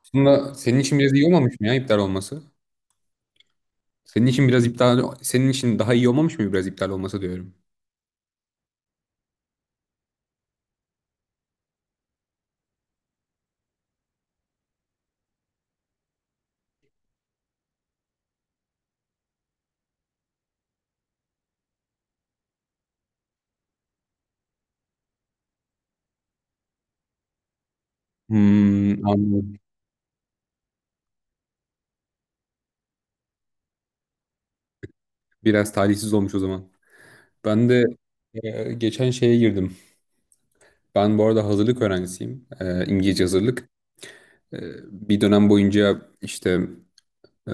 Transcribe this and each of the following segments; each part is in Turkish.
Aslında senin için biraz iyi olmamış mı ya iptal olması? Senin için biraz iptal, senin için daha iyi olmamış mı biraz iptal olması diyorum. Hmm, anladım. Biraz talihsiz olmuş o zaman. Ben de geçen şeye girdim. Ben bu arada hazırlık öğrencisiyim. İngilizce hazırlık. E, bir dönem boyunca işte e,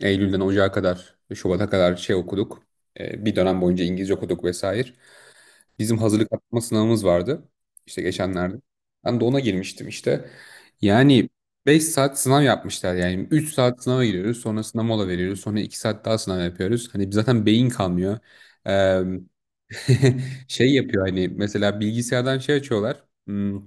Eylül'den Ocağa kadar, Şubat'a kadar şey okuduk. Bir dönem boyunca İngilizce okuduk vesaire. Bizim hazırlık atma sınavımız vardı. İşte geçenlerde. Ben de ona girmiştim işte. Yani 5 saat sınav yapmışlar yani. 3 saat sınava giriyoruz. Sonra sınav mola veriyoruz. Sonra 2 saat daha sınav yapıyoruz. Hani zaten beyin kalmıyor. Ee, şey yapıyor hani mesela bilgisayardan şey açıyorlar.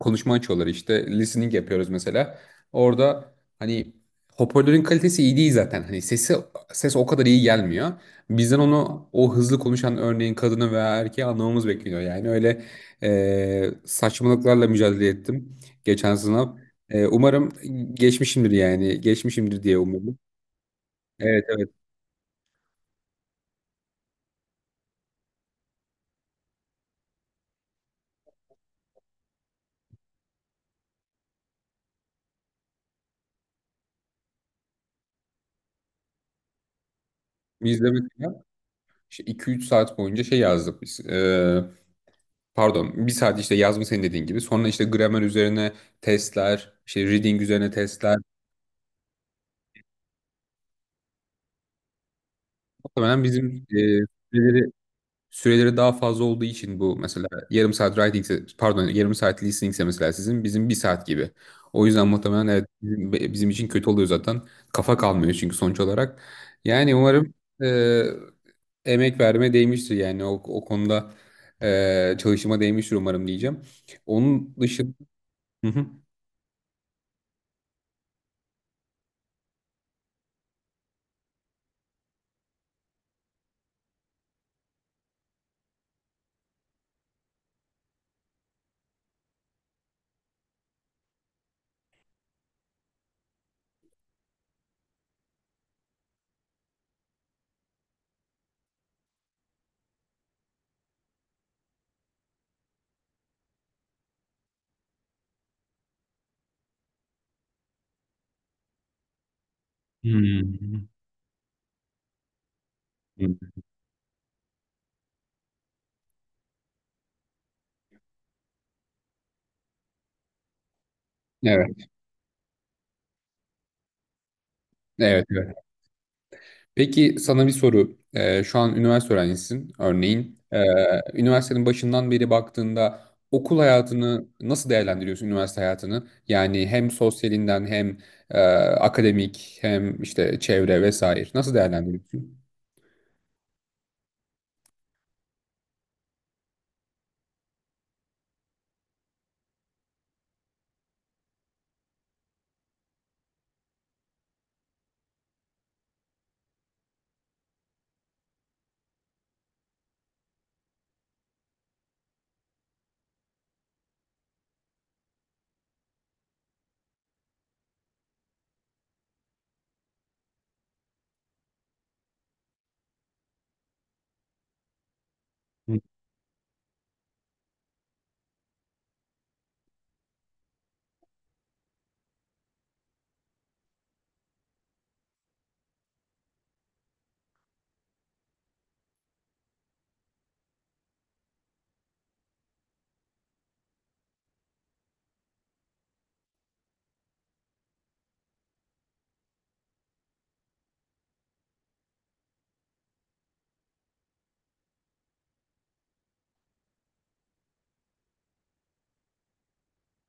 Konuşma açıyorlar işte. Listening yapıyoruz mesela. Orada hani hoparlörün kalitesi iyi değil zaten. Hani ses o kadar iyi gelmiyor. Bizden onu o hızlı konuşan örneğin kadını veya erkeği anlamamız bekleniyor. Yani öyle saçmalıklarla mücadele ettim geçen sınav. Umarım geçmişimdir yani. Geçmişimdir diye umarım. Evet, evet. Biz de mesela 2-3 saat boyunca şey yazdık biz. Pardon, bir saat işte yazma senin dediğin gibi. Sonra işte gramer üzerine testler, işte reading üzerine testler. Muhtemelen bizim süreleri, süreleri daha fazla olduğu için bu mesela yarım saat writing, pardon yarım saat listening ise mesela sizin bizim bir saat gibi. O yüzden muhtemelen evet, bizim için kötü oluyor zaten. Kafa kalmıyor çünkü sonuç olarak. Yani umarım e, emek verme değmiştir yani o konuda çalışıma değmiştir umarım diyeceğim. Onun dışında... Hı hı. Hmm. Evet. Evet, evet. Peki sana bir soru. Şu an üniversite öğrencisisin örneğin. Üniversitenin başından beri baktığında okul hayatını nasıl değerlendiriyorsun üniversite hayatını? Yani hem sosyalinden hem e, akademik hem işte çevre vesaire nasıl değerlendiriyorsun?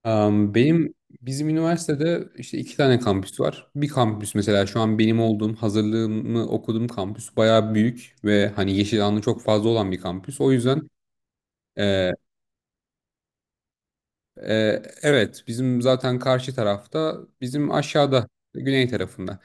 Am, benim bizim üniversitede işte iki tane kampüs var. Bir kampüs mesela şu an benim olduğum hazırlığımı okuduğum kampüs bayağı büyük ve hani yeşil alanı çok fazla olan bir kampüs. O yüzden evet, bizim zaten karşı tarafta, bizim aşağıda, güney tarafında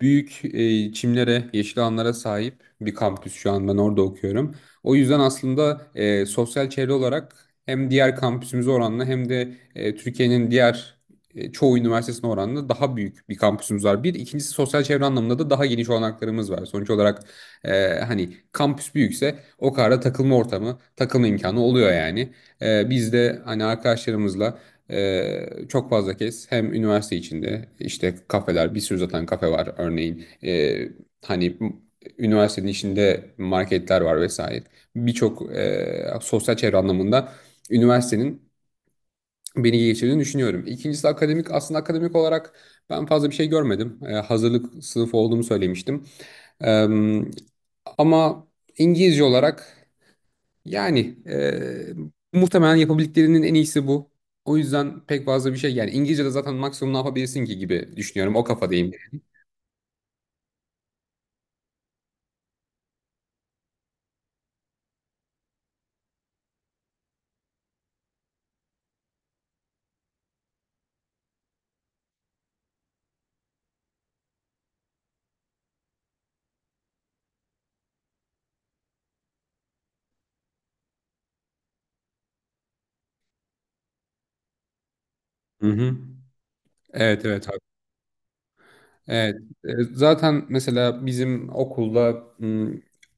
büyük çimlere, yeşil alanlara sahip bir kampüs şu an ben orada okuyorum. O yüzden aslında sosyal çevre olarak hem diğer kampüsümüze oranla hem de Türkiye'nin diğer çoğu üniversitesine oranla daha büyük bir kampüsümüz var. Bir, ikincisi sosyal çevre anlamında da daha geniş olanaklarımız var. Sonuç olarak hani kampüs büyükse o kadar da takılma ortamı, takılma imkanı oluyor yani. Biz de hani arkadaşlarımızla çok fazla kez hem üniversite içinde işte kafeler bir sürü zaten kafe var örneğin. Hani üniversitenin içinde marketler var vesaire birçok sosyal çevre anlamında üniversitenin beni geçirdiğini düşünüyorum. İkincisi akademik, aslında akademik olarak ben fazla bir şey görmedim. Hazırlık sınıfı olduğumu söylemiştim. Ee, ama İngilizce olarak yani eee, muhtemelen yapabildiklerinin en iyisi bu. O yüzden pek fazla bir şey yani İngilizce'de zaten maksimum ne yapabilirsin ki gibi düşünüyorum. O kafadayım. Hı hı. Evet, evet. Evet. Zaten mesela bizim okulda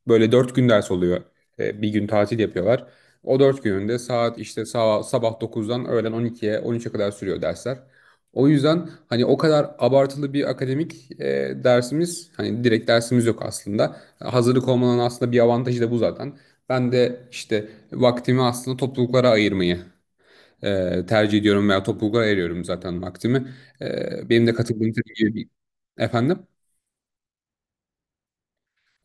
böyle 4 gün ders oluyor. Bir gün tatil yapıyorlar. O 4 gününde saat işte sabah 9'dan öğlen 12'ye 13'e kadar sürüyor dersler. O yüzden hani o kadar abartılı bir akademik dersimiz hani direkt dersimiz yok aslında. Hazırlık olmanın aslında bir avantajı da bu zaten. Ben de işte vaktimi aslında topluluklara ayırmayı tercih ediyorum veya topluluklara ayırıyorum zaten vaktimi. Benim de katıldığım tabii ki efendim.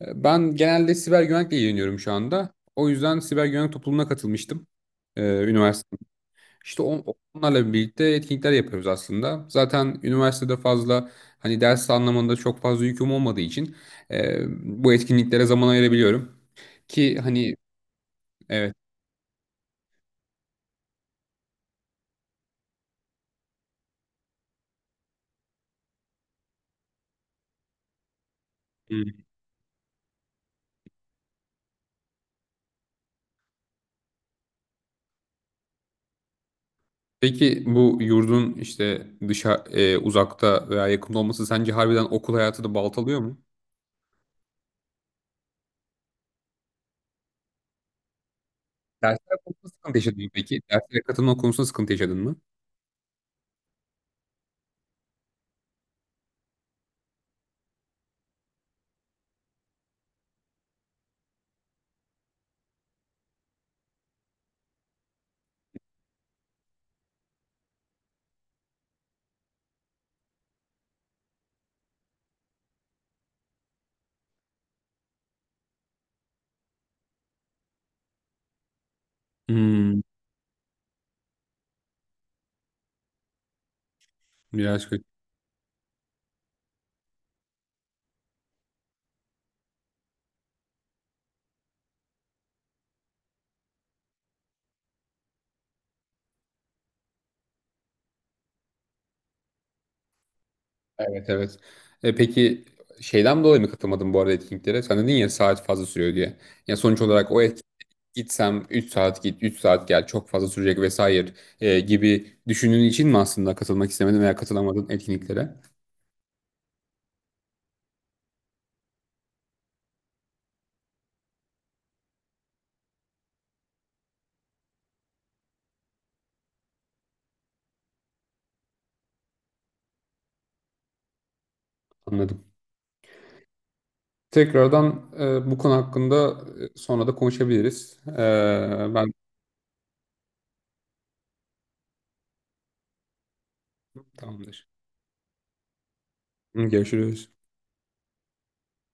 Ben genelde siber güvenlikle ilgileniyorum şu anda. O yüzden siber güvenlik topluluğuna katılmıştım. E, üniversite. İşte onlarla birlikte etkinlikler yapıyoruz aslında. Zaten üniversitede fazla hani ders anlamında çok fazla yüküm olmadığı için e, bu etkinliklere zaman ayırabiliyorum. Ki hani evet. Peki bu yurdun işte uzakta veya yakında olması sence harbiden okul hayatı da baltalıyor mu? Dersler konusunda sıkıntı yaşadın mı peki? Derslere katılma konusunda sıkıntı yaşadın mı? Hmm, Biraz kötü. Evet, evet. Peki şeyden dolayı mı katılmadın bu arada etkinliklere? Sen dedin ya saat fazla sürüyor diye. Ya sonuç olarak o etkinlik gitsem 3 saat git 3 saat gel çok fazla sürecek vesaire gibi düşündüğün için mi aslında katılmak istemedin veya katılamadın etkinliklere? Anladım. Tekrardan bu konu hakkında sonra da konuşabiliriz. Ben tamamdır. Görüşürüz.